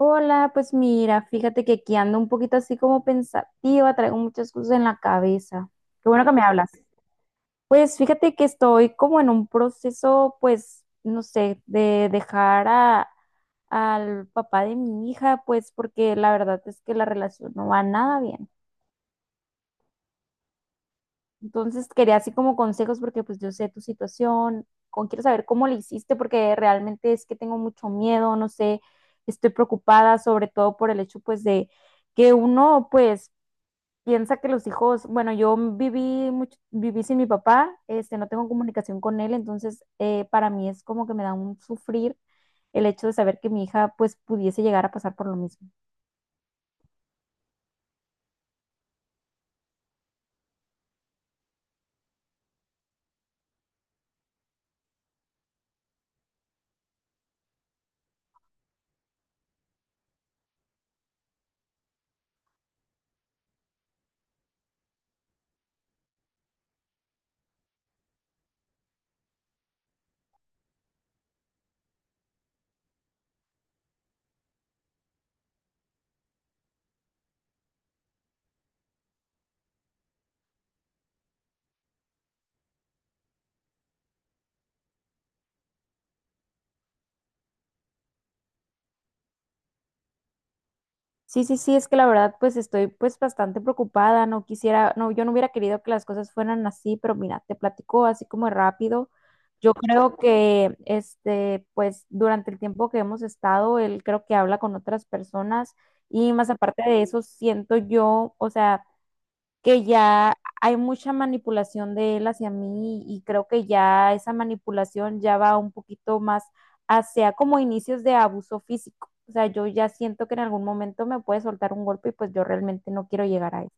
Hola, pues mira, fíjate que aquí ando un poquito así como pensativa, traigo muchas cosas en la cabeza. Qué bueno que me hablas. Pues fíjate que estoy como en un proceso, pues, no sé, de al papá de mi hija, pues porque la verdad es que la relación no va nada bien. Entonces quería así como consejos porque pues yo sé tu situación, quiero saber cómo le hiciste porque realmente es que tengo mucho miedo, no sé, estoy preocupada sobre todo por el hecho pues de que uno pues piensa que los hijos, bueno, yo viví mucho, viví sin mi papá, este, no tengo comunicación con él, entonces para mí es como que me da un sufrir el hecho de saber que mi hija pues pudiese llegar a pasar por lo mismo. Sí, sí, sí, es que la verdad pues estoy pues bastante preocupada, no quisiera, no, yo no hubiera querido que las cosas fueran así, pero mira, te platico así como rápido. Yo creo que este pues durante el tiempo que hemos estado, él creo que habla con otras personas y más aparte de eso siento yo, o sea, que ya hay mucha manipulación de él hacia mí y creo que ya esa manipulación ya va un poquito más hacia como inicios de abuso físico. O sea, yo ya siento que en algún momento me puede soltar un golpe y pues yo realmente no quiero llegar a eso.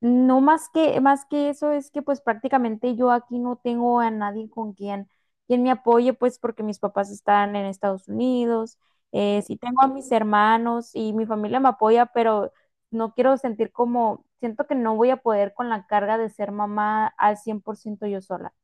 No más que, más que eso es que pues prácticamente yo aquí no tengo a nadie con quien me apoye, pues porque mis papás están en Estados Unidos, sí tengo a mis hermanos y mi familia me apoya, pero no quiero sentir como, siento que no voy a poder con la carga de ser mamá al 100% yo sola.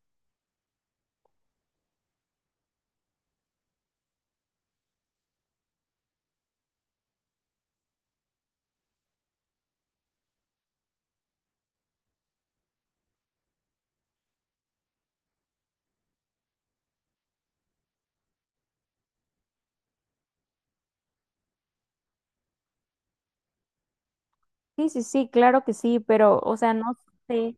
Sí, sí, sí, claro que sí, pero o sea, no sé.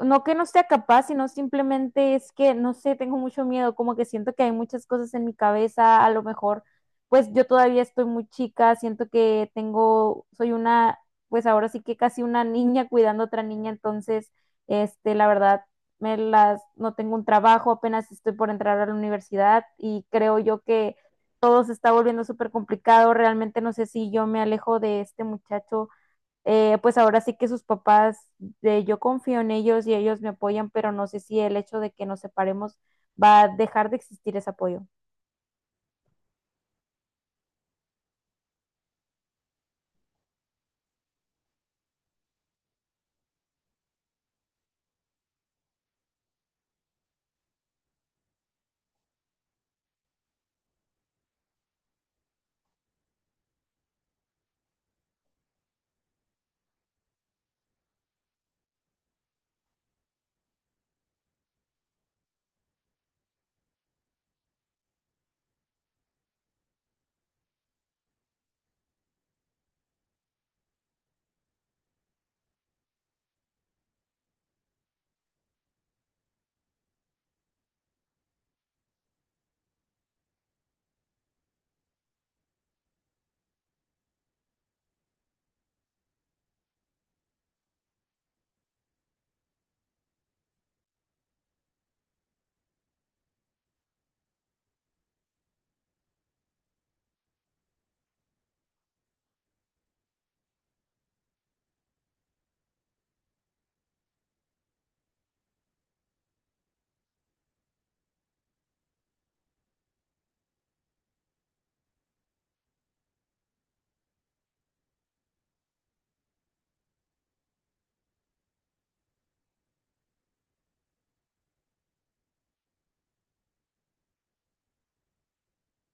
No que no sea capaz, sino simplemente es que, no sé, tengo mucho miedo, como que siento que hay muchas cosas en mi cabeza, a lo mejor, pues yo todavía estoy muy chica, siento que tengo, soy una, pues ahora sí que casi una niña cuidando a otra niña, entonces, este, la verdad, me las, no tengo un trabajo, apenas estoy por entrar a la universidad y creo yo que todo se está volviendo súper complicado, realmente no sé si yo me alejo de este muchacho pues ahora sí que sus yo confío en ellos y ellos me apoyan, pero no sé si el hecho de que nos separemos va a dejar de existir ese apoyo.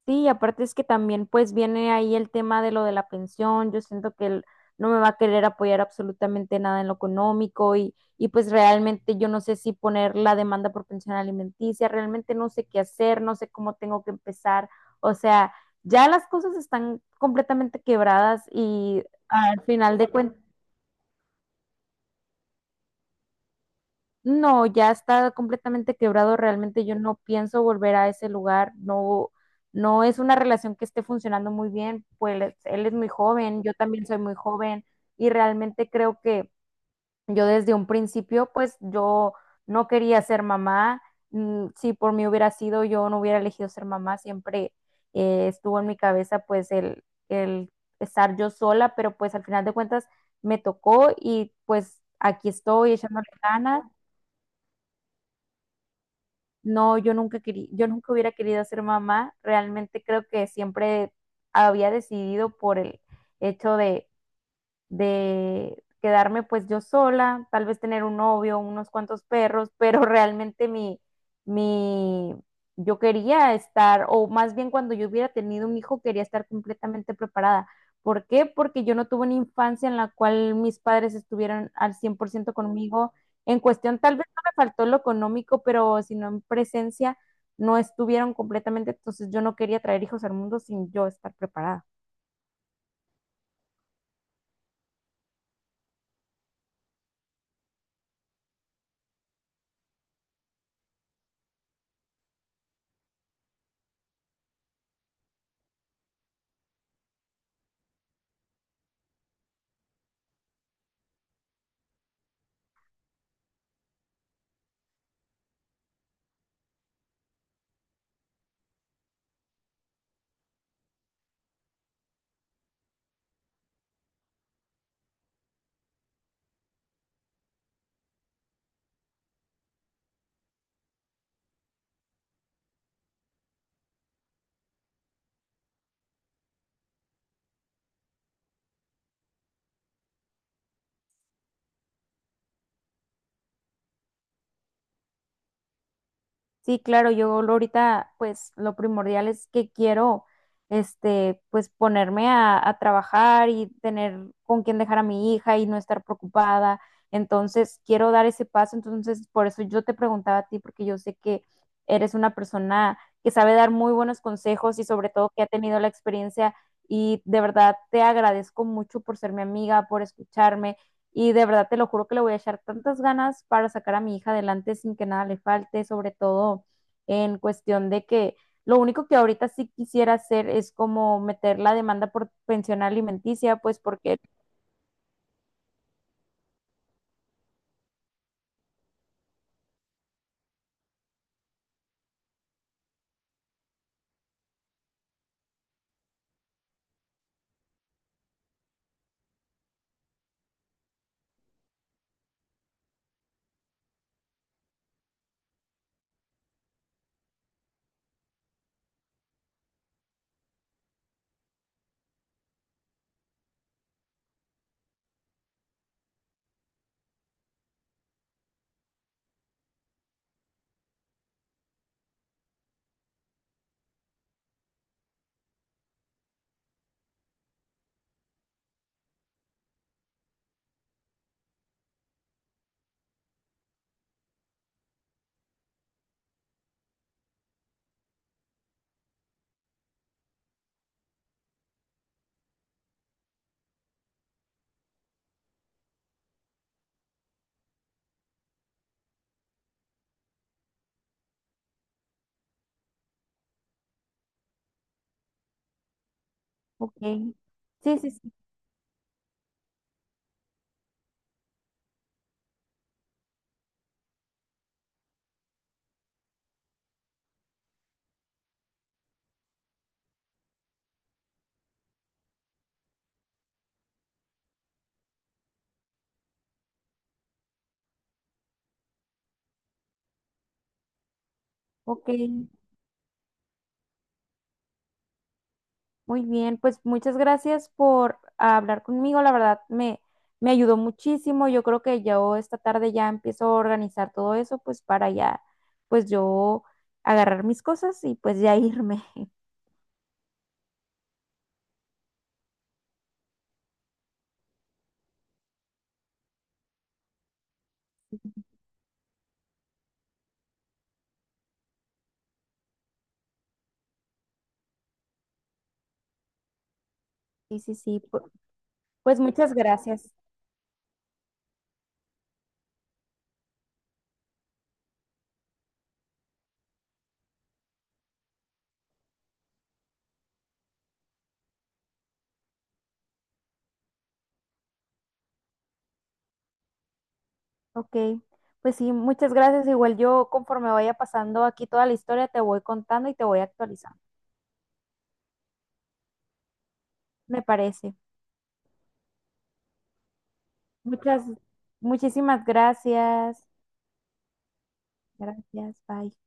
Sí, y aparte es que también pues viene ahí el tema de lo de la pensión, yo siento que él no me va a querer apoyar absolutamente nada en lo económico y pues realmente yo no sé si poner la demanda por pensión alimenticia, realmente no sé qué hacer, no sé cómo tengo que empezar, o sea, ya las cosas están completamente quebradas y al final de cuentas. No, ya está completamente quebrado. Realmente yo no pienso volver a ese lugar. No, no es una relación que esté funcionando muy bien. Pues él es muy joven, yo también soy muy joven y realmente creo que yo desde un principio, pues yo no quería ser mamá. Mm, si por mí hubiera sido, yo no hubiera elegido ser mamá. Siempre estuvo en mi cabeza, pues el estar yo sola, pero pues al final de cuentas me tocó y pues aquí estoy echándole ganas. No, yo nunca hubiera querido ser mamá. Realmente creo que siempre había decidido por el hecho de quedarme pues yo sola, tal vez tener un novio, unos cuantos perros, pero realmente mi, yo quería estar, o más bien cuando yo hubiera tenido un hijo, quería estar completamente preparada. ¿Por qué? Porque yo no tuve una infancia en la cual mis padres estuvieran al 100% conmigo. En cuestión, tal vez no me faltó lo económico, pero sino en presencia no estuvieron completamente, entonces yo no quería traer hijos al mundo sin yo estar preparada. Sí, claro, yo lo ahorita, pues lo primordial es que quiero, este, pues ponerme a trabajar y tener con quién dejar a mi hija y no estar preocupada. Entonces, quiero dar ese paso. Entonces, por eso yo te preguntaba a ti, porque yo sé que eres una persona que sabe dar muy buenos consejos y sobre todo que ha tenido la experiencia y de verdad te agradezco mucho por ser mi amiga, por escucharme y de verdad te lo juro que le voy a echar tantas ganas para sacar a mi hija adelante sin que nada le falte, sobre todo en cuestión de que lo único que ahorita sí quisiera hacer es como meter la demanda por pensión alimenticia, pues porque, ok, sí, sí, sí, ok, muy bien, pues muchas gracias por hablar conmigo, la verdad me, me ayudó muchísimo, yo creo que yo esta tarde ya empiezo a organizar todo eso, pues para ya, pues yo agarrar mis cosas y pues ya irme. Sí, sí, sí. Pues muchas gracias. Ok. Pues sí, muchas gracias. Igual yo conforme vaya pasando aquí toda la historia, te voy contando y te voy actualizando. Me parece. Muchas, muchísimas gracias. Gracias. Bye.